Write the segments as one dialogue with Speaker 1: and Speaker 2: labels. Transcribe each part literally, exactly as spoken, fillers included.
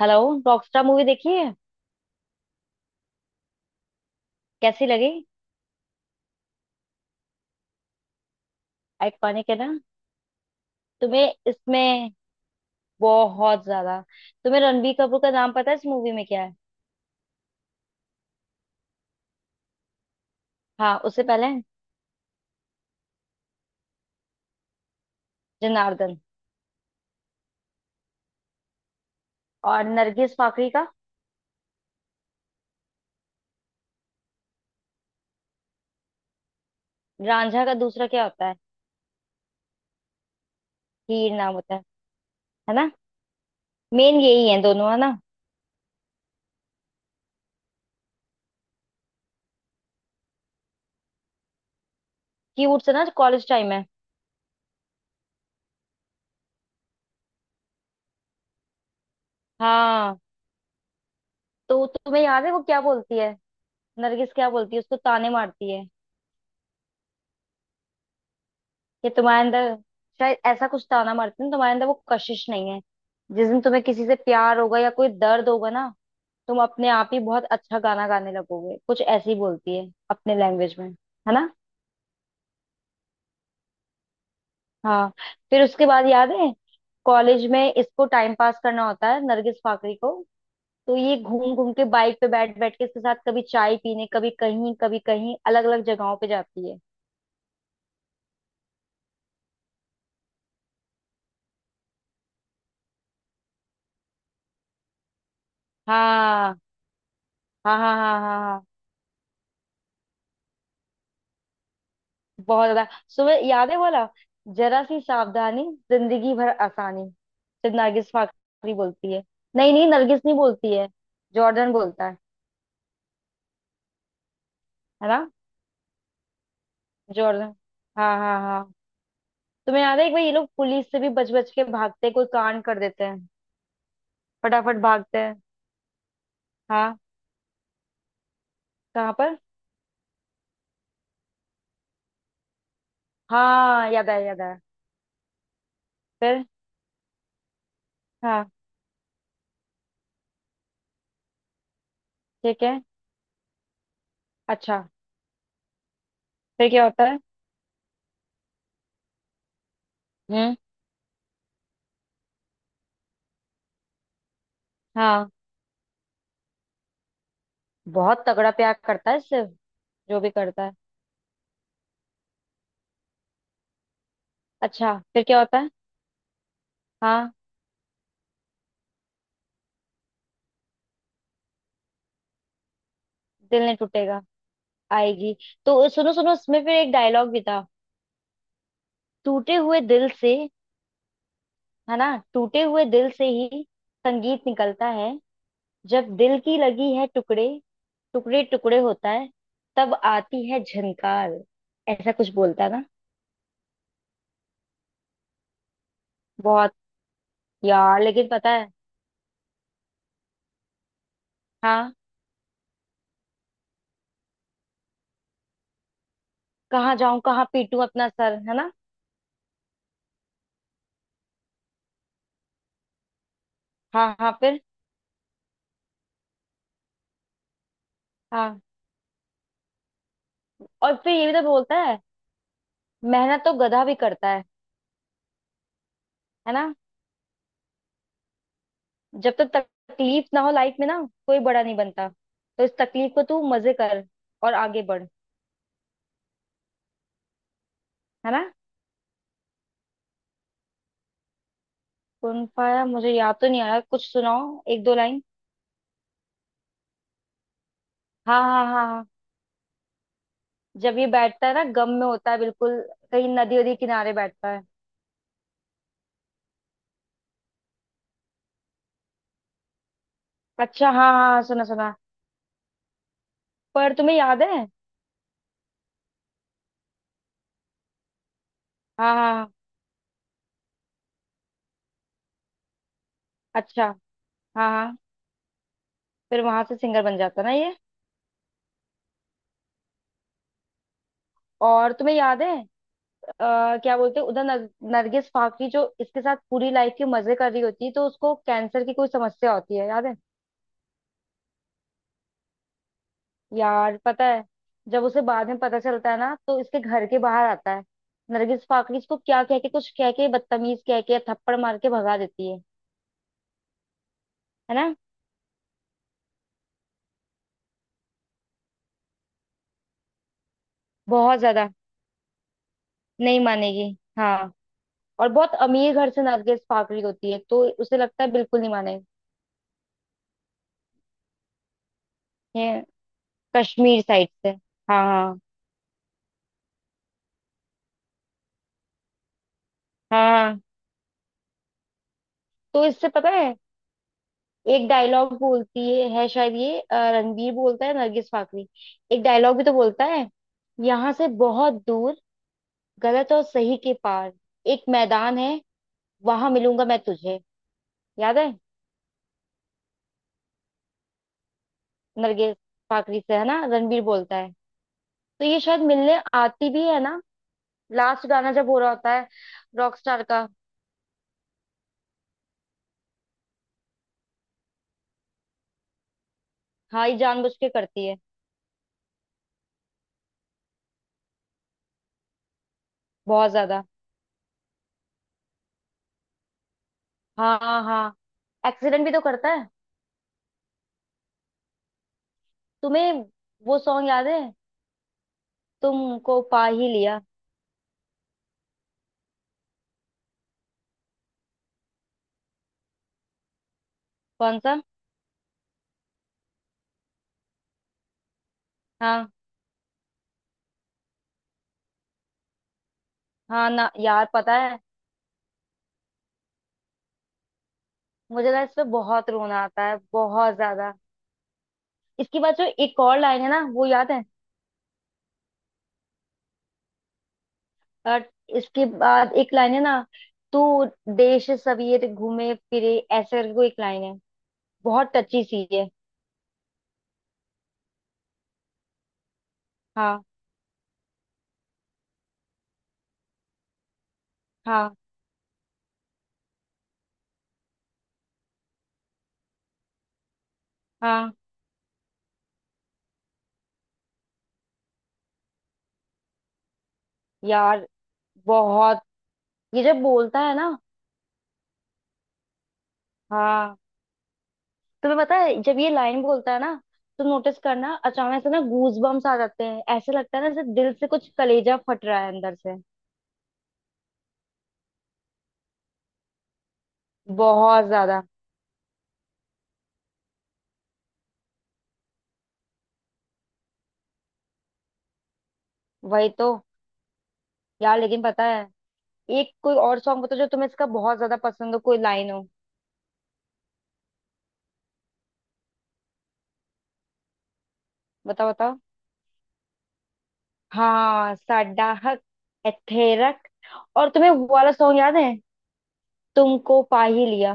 Speaker 1: Hello. Rockstar movie देखी है? कैसी लगी? आइकॉनिक है ना। तुम्हें इसमें बहुत ज्यादा तुम्हें रणबीर कपूर का नाम पता है इस मूवी में क्या है? हाँ, उससे पहले जनार्दन। और नरगिस फाकरी का रांझा का दूसरा क्या होता है? हीर नाम होता है। है ना। मेन यही है दोनों, है ना। क्यूट से ना, कॉलेज टाइम है। हाँ, तो तुम्हें याद है वो क्या बोलती है? नरगिस क्या बोलती है, उसको ताने मारती है। ये तुम्हारे अंदर शायद ऐसा कुछ था ना मार्टिन, तुम्हारे अंदर वो कशिश नहीं है। जिस दिन तुम्हें किसी से प्यार होगा या कोई दर्द होगा ना, तुम अपने आप ही बहुत अच्छा गाना गाने लगोगे। कुछ ऐसे ही बोलती है अपने लैंग्वेज में, है ना। हाँ। फिर उसके बाद याद है, कॉलेज में इसको टाइम पास करना होता है नरगिस फाकरी को। तो ये घूम घूम के बाइक पे बैठ बैठ के इसके साथ कभी चाय पीने, कभी कहीं कभी कहीं अलग अलग जगहों पे जाती है। हाँ हाँ हाँ हाँ हाँ। हाँ, बहुत ज्यादा। सुबह याद है बोला, जरा सी सावधानी, जिंदगी भर आसानी, सिर्फ नरगिस फाकरी बोलती है। नहीं नहीं, नरगिस नहीं बोलती है, जॉर्डन बोलता है है ना। जॉर्डन, हाँ हाँ हाँ। तुम्हें याद है एक बार ये लोग पुलिस से भी बच बच के भागते हैं, कोई कांड कर देते हैं। फटाफट भागते हैं। हाँ, कहाँ पर? हाँ, याद आया याद आया। फिर। हाँ, ठीक है। अच्छा, फिर क्या होता है? हम्म। हाँ, बहुत तगड़ा प्यार करता है सिर्फ जो भी करता है। अच्छा, फिर क्या होता है? हाँ, दिल नहीं टूटेगा। आएगी। तो सुनो सुनो, उसमें फिर एक डायलॉग भी था, टूटे हुए दिल से, है ना। टूटे हुए दिल से ही संगीत निकलता है। जब दिल की लगी है टुकड़े टुकड़े टुकड़े होता है, तब आती है झनकार। ऐसा कुछ बोलता है ना। बहुत। यार लेकिन पता है, हाँ, कहाँ जाऊं कहाँ पीटूं अपना सर, है ना। हाँ हाँ, फिर। हाँ। और फिर ये भी तो बोलता है, मेहनत तो गधा भी करता है है ना। जब तक तकलीफ ना हो लाइफ में ना, कोई बड़ा नहीं बनता। तो इस तकलीफ को तू मजे कर और आगे बढ़। है ना। कौन पाया मुझे याद तो नहीं आया, कुछ सुनाओ एक दो लाइन। हाँ हाँ हाँ हाँ। जब ये बैठता है ना गम में होता है बिल्कुल। कहीं नदी वदी किनारे बैठता है। अच्छा, हाँ हाँ हाँ, सुना सुना। पर तुम्हें याद है, हाँ हाँ हाँ। अच्छा, हाँ हाँ। फिर वहां से सिंगर बन जाता ना ये। और तुम्हें याद है, अ, क्या बोलते हैं उधर, नर, नरगिस फाकरी जो इसके साथ पूरी लाइफ के मजे कर रही होती है, तो उसको कैंसर की कोई समस्या होती है, याद है। यार पता है, जब उसे बाद में पता चलता है ना तो इसके घर के बाहर आता है। नरगिस फाकरी इसको क्या कह के, कुछ कह के बदतमीज कह के थप्पड़ मार के भगा देती है है ना। बहुत ज्यादा नहीं मानेगी। हाँ, और बहुत अमीर घर से नरगिस फाकरी होती है, तो उसे लगता है बिल्कुल नहीं मानेगी। ये कश्मीर साइड से, हाँ हाँ हाँ। तो इससे पता है, एक डायलॉग बोलती है, है शायद ये, अ, रणबीर बोलता है नरगिस फाकरी। एक डायलॉग भी तो बोलता है, यहाँ से बहुत दूर, गलत और सही के पार, एक मैदान है, वहां मिलूंगा मैं तुझे। याद है। नरगिस फाकरी से, है ना, रणबीर बोलता है। तो ये शायद मिलने आती भी है ना, लास्ट गाना जब हो रहा होता है, रॉकस्टार का। हाँ, ये जानबूझ के करती है। बहुत ज्यादा। हाँ हाँ हाँ, एक्सीडेंट भी तो करता है। तुम्हें वो सॉन्ग याद है, तुमको पा ही लिया। कौन सा? हाँ। हाँ ना यार, पता है, मुझे ना इस पे बहुत रोना आता है, बहुत ज्यादा। इसके बाद जो एक और लाइन है ना, वो याद है। और इसके बाद एक लाइन है ना, तू देश सवेर घूमे फिरे, ऐसे करके कोई एक लाइन है, बहुत टची सी है। हाँ हाँ हाँ। यार बहुत, ये जब बोलता है ना, हाँ, तुम्हें पता है जब ये लाइन बोलता है ना, तो नोटिस करना, अचानक से ना गूज बम्स आ जाते हैं, ऐसे लगता है ना जैसे दिल से कुछ, कलेजा फट रहा है अंदर से। बहुत ज्यादा। वही तो। यार लेकिन पता है, एक कोई और सॉन्ग बताओ जो तुम्हें इसका बहुत ज्यादा पसंद हो, कोई लाइन हो। बताओ बताओ। हाँ साडाहक एथेरक। और तुम्हें वो वाला सॉन्ग याद है, तुमको पा ही लिया।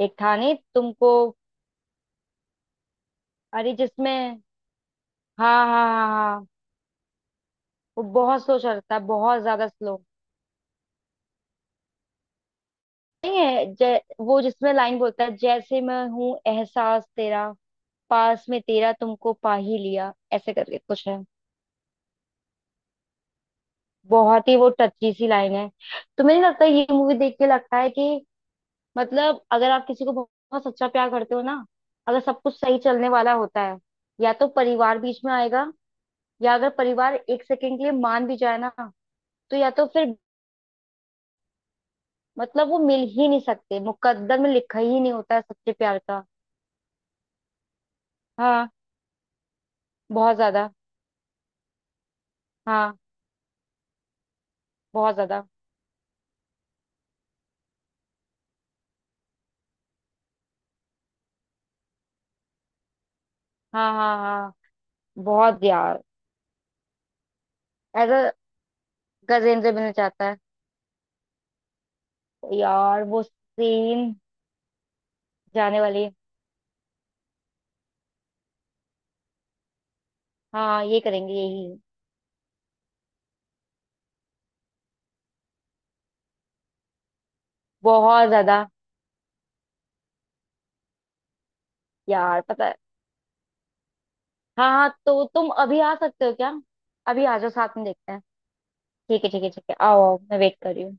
Speaker 1: एक था नहीं तुमको। अरे जिसमें, हाँ हाँ हाँ हाँ। वो बहुत स्लो चलता है, बहुत ज्यादा स्लो। नहीं है, जै, वो जिसमें लाइन बोलता है जैसे, मैं हूँ एहसास तेरा, पास में तेरा, तुमको पा ही लिया, ऐसे करके कुछ है। बहुत ही वो टची सी लाइन है। तुम्हें नहीं लगता ये मूवी देख के लगता है कि, मतलब अगर आप किसी को बहुत सच्चा प्यार करते हो ना, अगर सब कुछ सही चलने वाला होता है, या तो परिवार बीच में आएगा, या अगर परिवार एक सेकंड के लिए मान भी जाए ना, तो या तो फिर, मतलब वो मिल ही नहीं सकते, मुकद्दर में लिखा ही नहीं होता है सच्चे प्यार का। हाँ, बहुत ज्यादा। हाँ, बहुत ज्यादा। हाँ हाँ हाँ, बहुत। यार ऐसा गजेंद्र बनना चाहता है। यार वो सीन, जाने वाली है। हाँ, ये करेंगे यही। बहुत ज्यादा। यार पता, हाँ हाँ, तो तुम अभी आ सकते हो क्या? अभी आ जाओ, साथ में देखते हैं। ठीक है ठीक है ठीक है, आओ आओ, मैं वेट कर रही हूँ।